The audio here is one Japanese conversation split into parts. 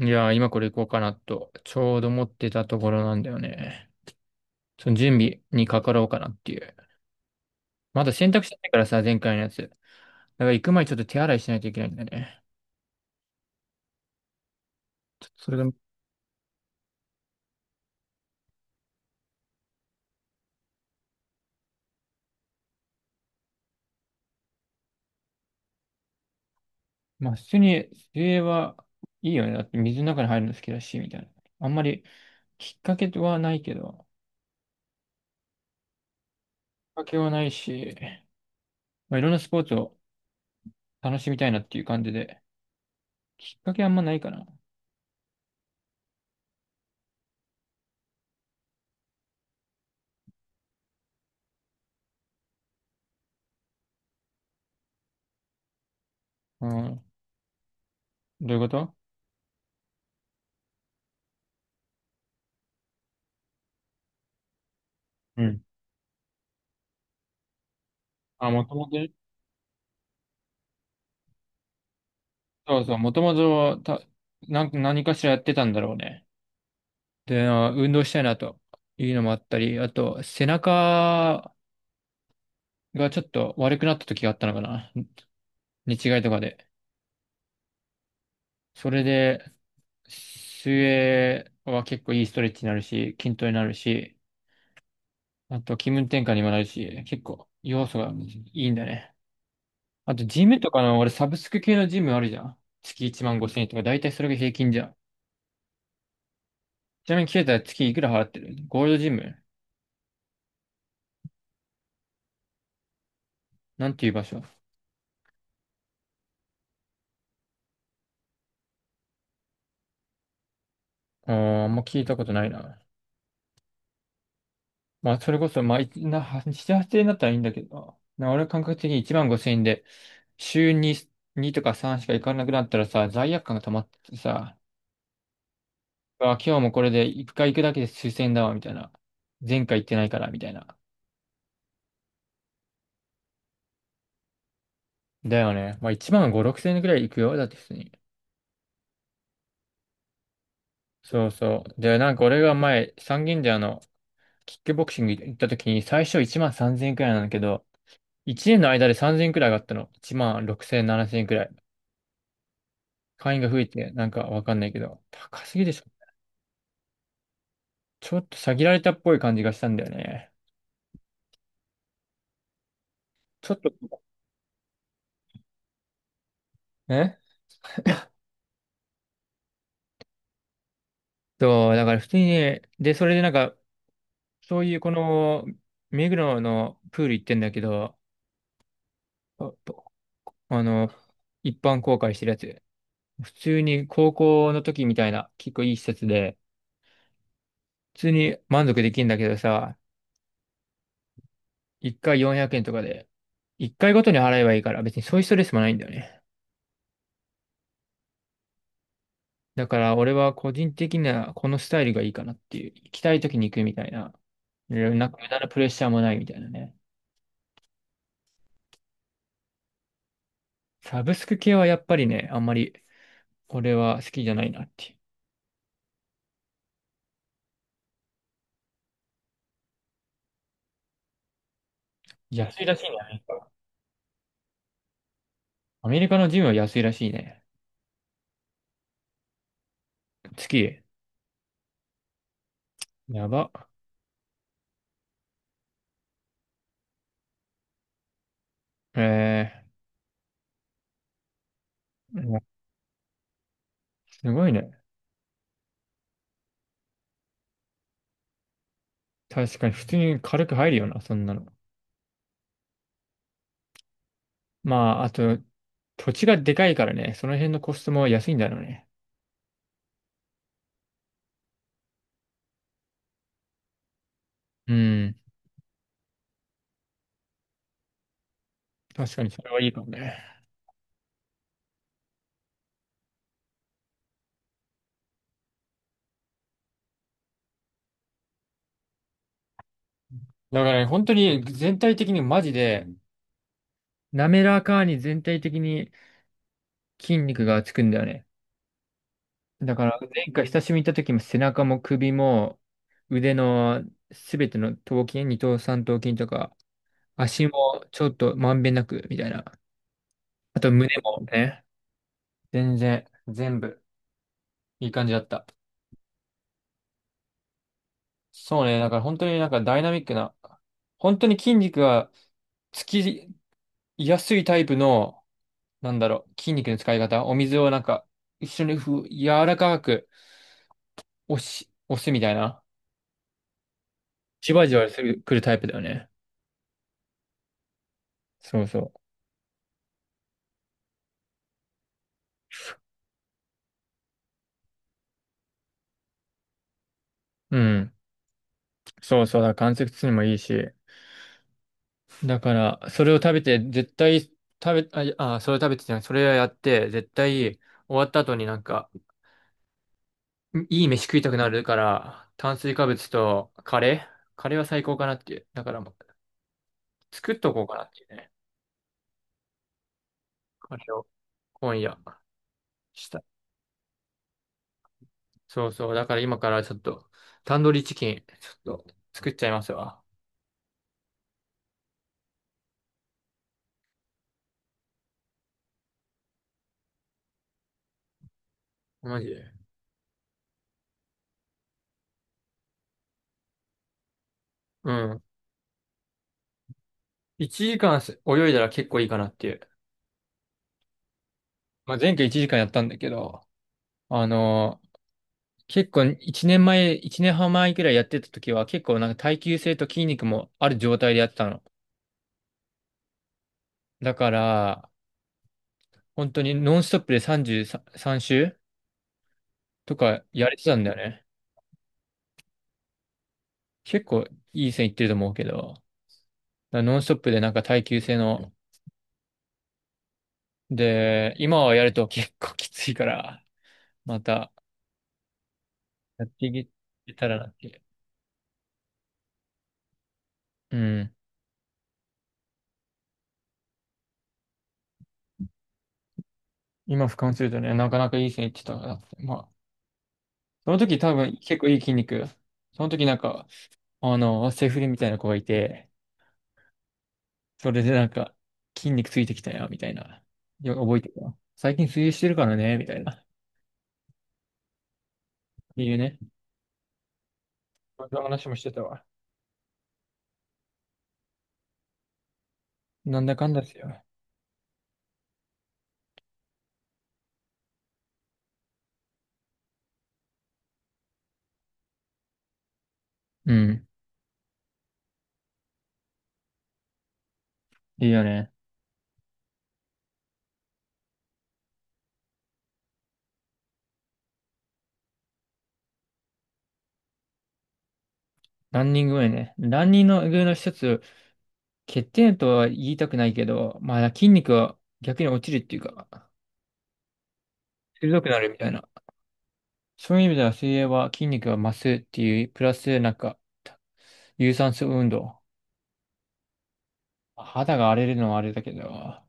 いやー、今これ行こうかなと、ちょうど思ってたところなんだよね。その準備にかかろうかなっていう。まだ洗濯してないからさ、前回のやつ。だから行く前にちょっと手洗いしないといけないんだよね。ちょっとそれが、まあ普通に水泳はいいよね。だって水の中に入るの好きだし、みたいな。あんまりきっかけはないけど、きっかけはないし、まあいろんなスポーツを楽しみたいなっていう感じで、きっかけあんまないかな。うん。どういうこと？うん。あ、もともとそうそう、もともとた、何かしらやってたんだろうね。で、運動したいなというのもあったり、あと、背中がちょっと悪くなった時があったのかな。寝違いとかで。それで、水泳は結構いいストレッチになるし、筋トレになるし、あと気分転換にもなるし、結構要素がいいんだね。あと、ジムとかの、俺サブスク系のジムあるじゃん。月1万5千円とか、だいたいそれが平均じゃん。ちなみに、ケイタは月いくら払ってる？ゴールドジム、なんていう場所？ああ、もう聞いたことないな。まあ、それこそ、まあ、は7、8円だったらいいんだけどな。俺感覚的に1万5千円で、週に2とか3しか行かなくなったらさ、罪悪感が溜まってさ、あ、今日もこれで1回行くだけで数千円だわ、みたいな。前回行ってないから、みたいな。だよね。まあ、1万5、6千円くらい行くよ。だって普通に。そうそう。で、なんか俺が前、三軒茶屋のキックボクシング行った時に、最初1万3千円くらいなんだけど、1年の間で3千円くらい上がったの。1万6千、7千円くらい。会員が増えて、なんかわかんないけど、高すぎでしょ。ちょっと詐欺られたっぽい感じがしたんだよね。ちょっと、えそう、だから普通にね、で、それでなんか、そういうこの、目黒のプール行ってんだけど、あとあの、一般公開してるやつ。普通に高校の時みたいな、結構いい施設で、普通に満足できるんだけどさ、一回400円とかで、一回ごとに払えばいいから、別にそういうストレスもないんだよね。だから俺は個人的にはこのスタイルがいいかなっていう。行きたい時に行くみたいな。なんか無駄なプレッシャーもないみたいなね。サブスク系はやっぱりね、あんまり俺は好きじゃないなっていう。安いらしいね、アメリカ。アメリカのジムは安いらしいね。月、やば。えいやすごいね。確かに普通に軽く入るよな、そんなの。まあ、あと、土地がでかいからね、その辺のコストも安いんだろうね。うん、確かにそれはいいかもね。だからね、本当に全体的にマジで、滑らかに全体的に筋肉がつくんだよね。だから前回久しぶりに行った時も背中も首も腕のすべての頭筋、二頭三頭筋とか足もちょっとまんべんなくみたいな。あと胸もね、全然全部いい感じだった。そうね、だから本当になんかダイナミックな、本当に筋肉がつきやすいタイプの、なんだろう、筋肉の使い方、お水をなんか一緒に柔らかく押すみたいな。じわじわする、来るタイプだよね。そうそう。うん。そうそうだ。関節痛にもいいし。だから、それを食べて、絶対、食べ、あ、あ、それを食べてじゃないそれをやって、絶対、終わった後になんか、いい飯食いたくなるから、炭水化物とカレーカレーは最高かなっていう。だからもう、作っとこうかなっていうね。カレーを、今夜、したい。そうそう。だから今からちょっと、タンドリーチキン、ちょっと、作っちゃいますわ。マジで。うん。1時間泳いだら結構いいかなっていう。まあ、前回1時間やったんだけど、あのー結構1年前、1年半前くらいやってた時は結構なんか耐久性と筋肉もある状態でやってたの。だから、本当にノンストップで33周とかやれてたんだよね。結構いい線いってると思うけど、だからノンストップでなんか耐久性の、で、今はやると結構きついから、またやっていけたらなっていう。うん。今俯瞰するとね、なかなかいい線いってたなって。まあ、その時多分結構いい筋肉。その時なんか、セフレみたいな子がいて、それでなんか、筋肉ついてきたよ、みたいな。覚えてた。最近水泳してるからね、みたいな。いいね。そんな話もしてたわ。なんだかんだですよ。うん。いいよね。ランニング上ね。ランニング上の一つ、欠点とは言いたくないけど、まあ筋肉は逆に落ちるっていうか、鋭くなるみたいな。そういう意味では水泳は筋肉が増すっていう、プラスなんか、有酸素運動。肌が荒れるのはあれだけど。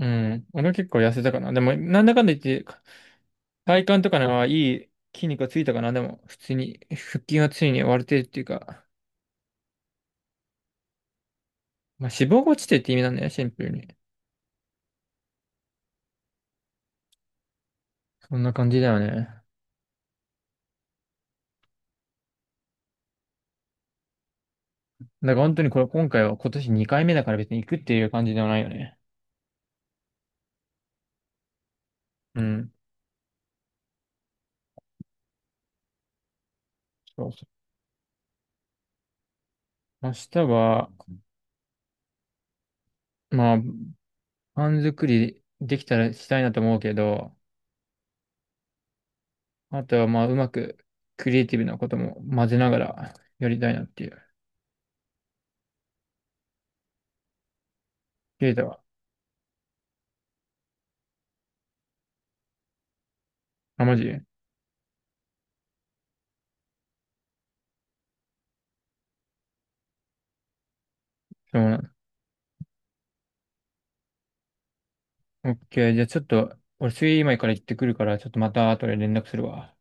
うん。俺は結構痩せたかな。でも、なんだかんだ言って、体幹とかのはいい筋肉がついたかな。でも、普通に、腹筋はついに割れてるっていうか、まあ、脂肪が落ちてって意味なんだよね、シンプルに。そんな感じだよね。だから本当にこれ、今回は今年2回目だから別に行くっていう感じではないよね。うん。そうそう。明日は、まあ、パン作りできたらしたいなと思うけど、あとは、まあ、うまくクリエイティブなことも混ぜながらやりたいなっていう。ケイタは？あ、マジそうなの。オッケー。じゃあちょっと、俺、水泳今から行ってくるから、ちょっとまた後で連絡するわ。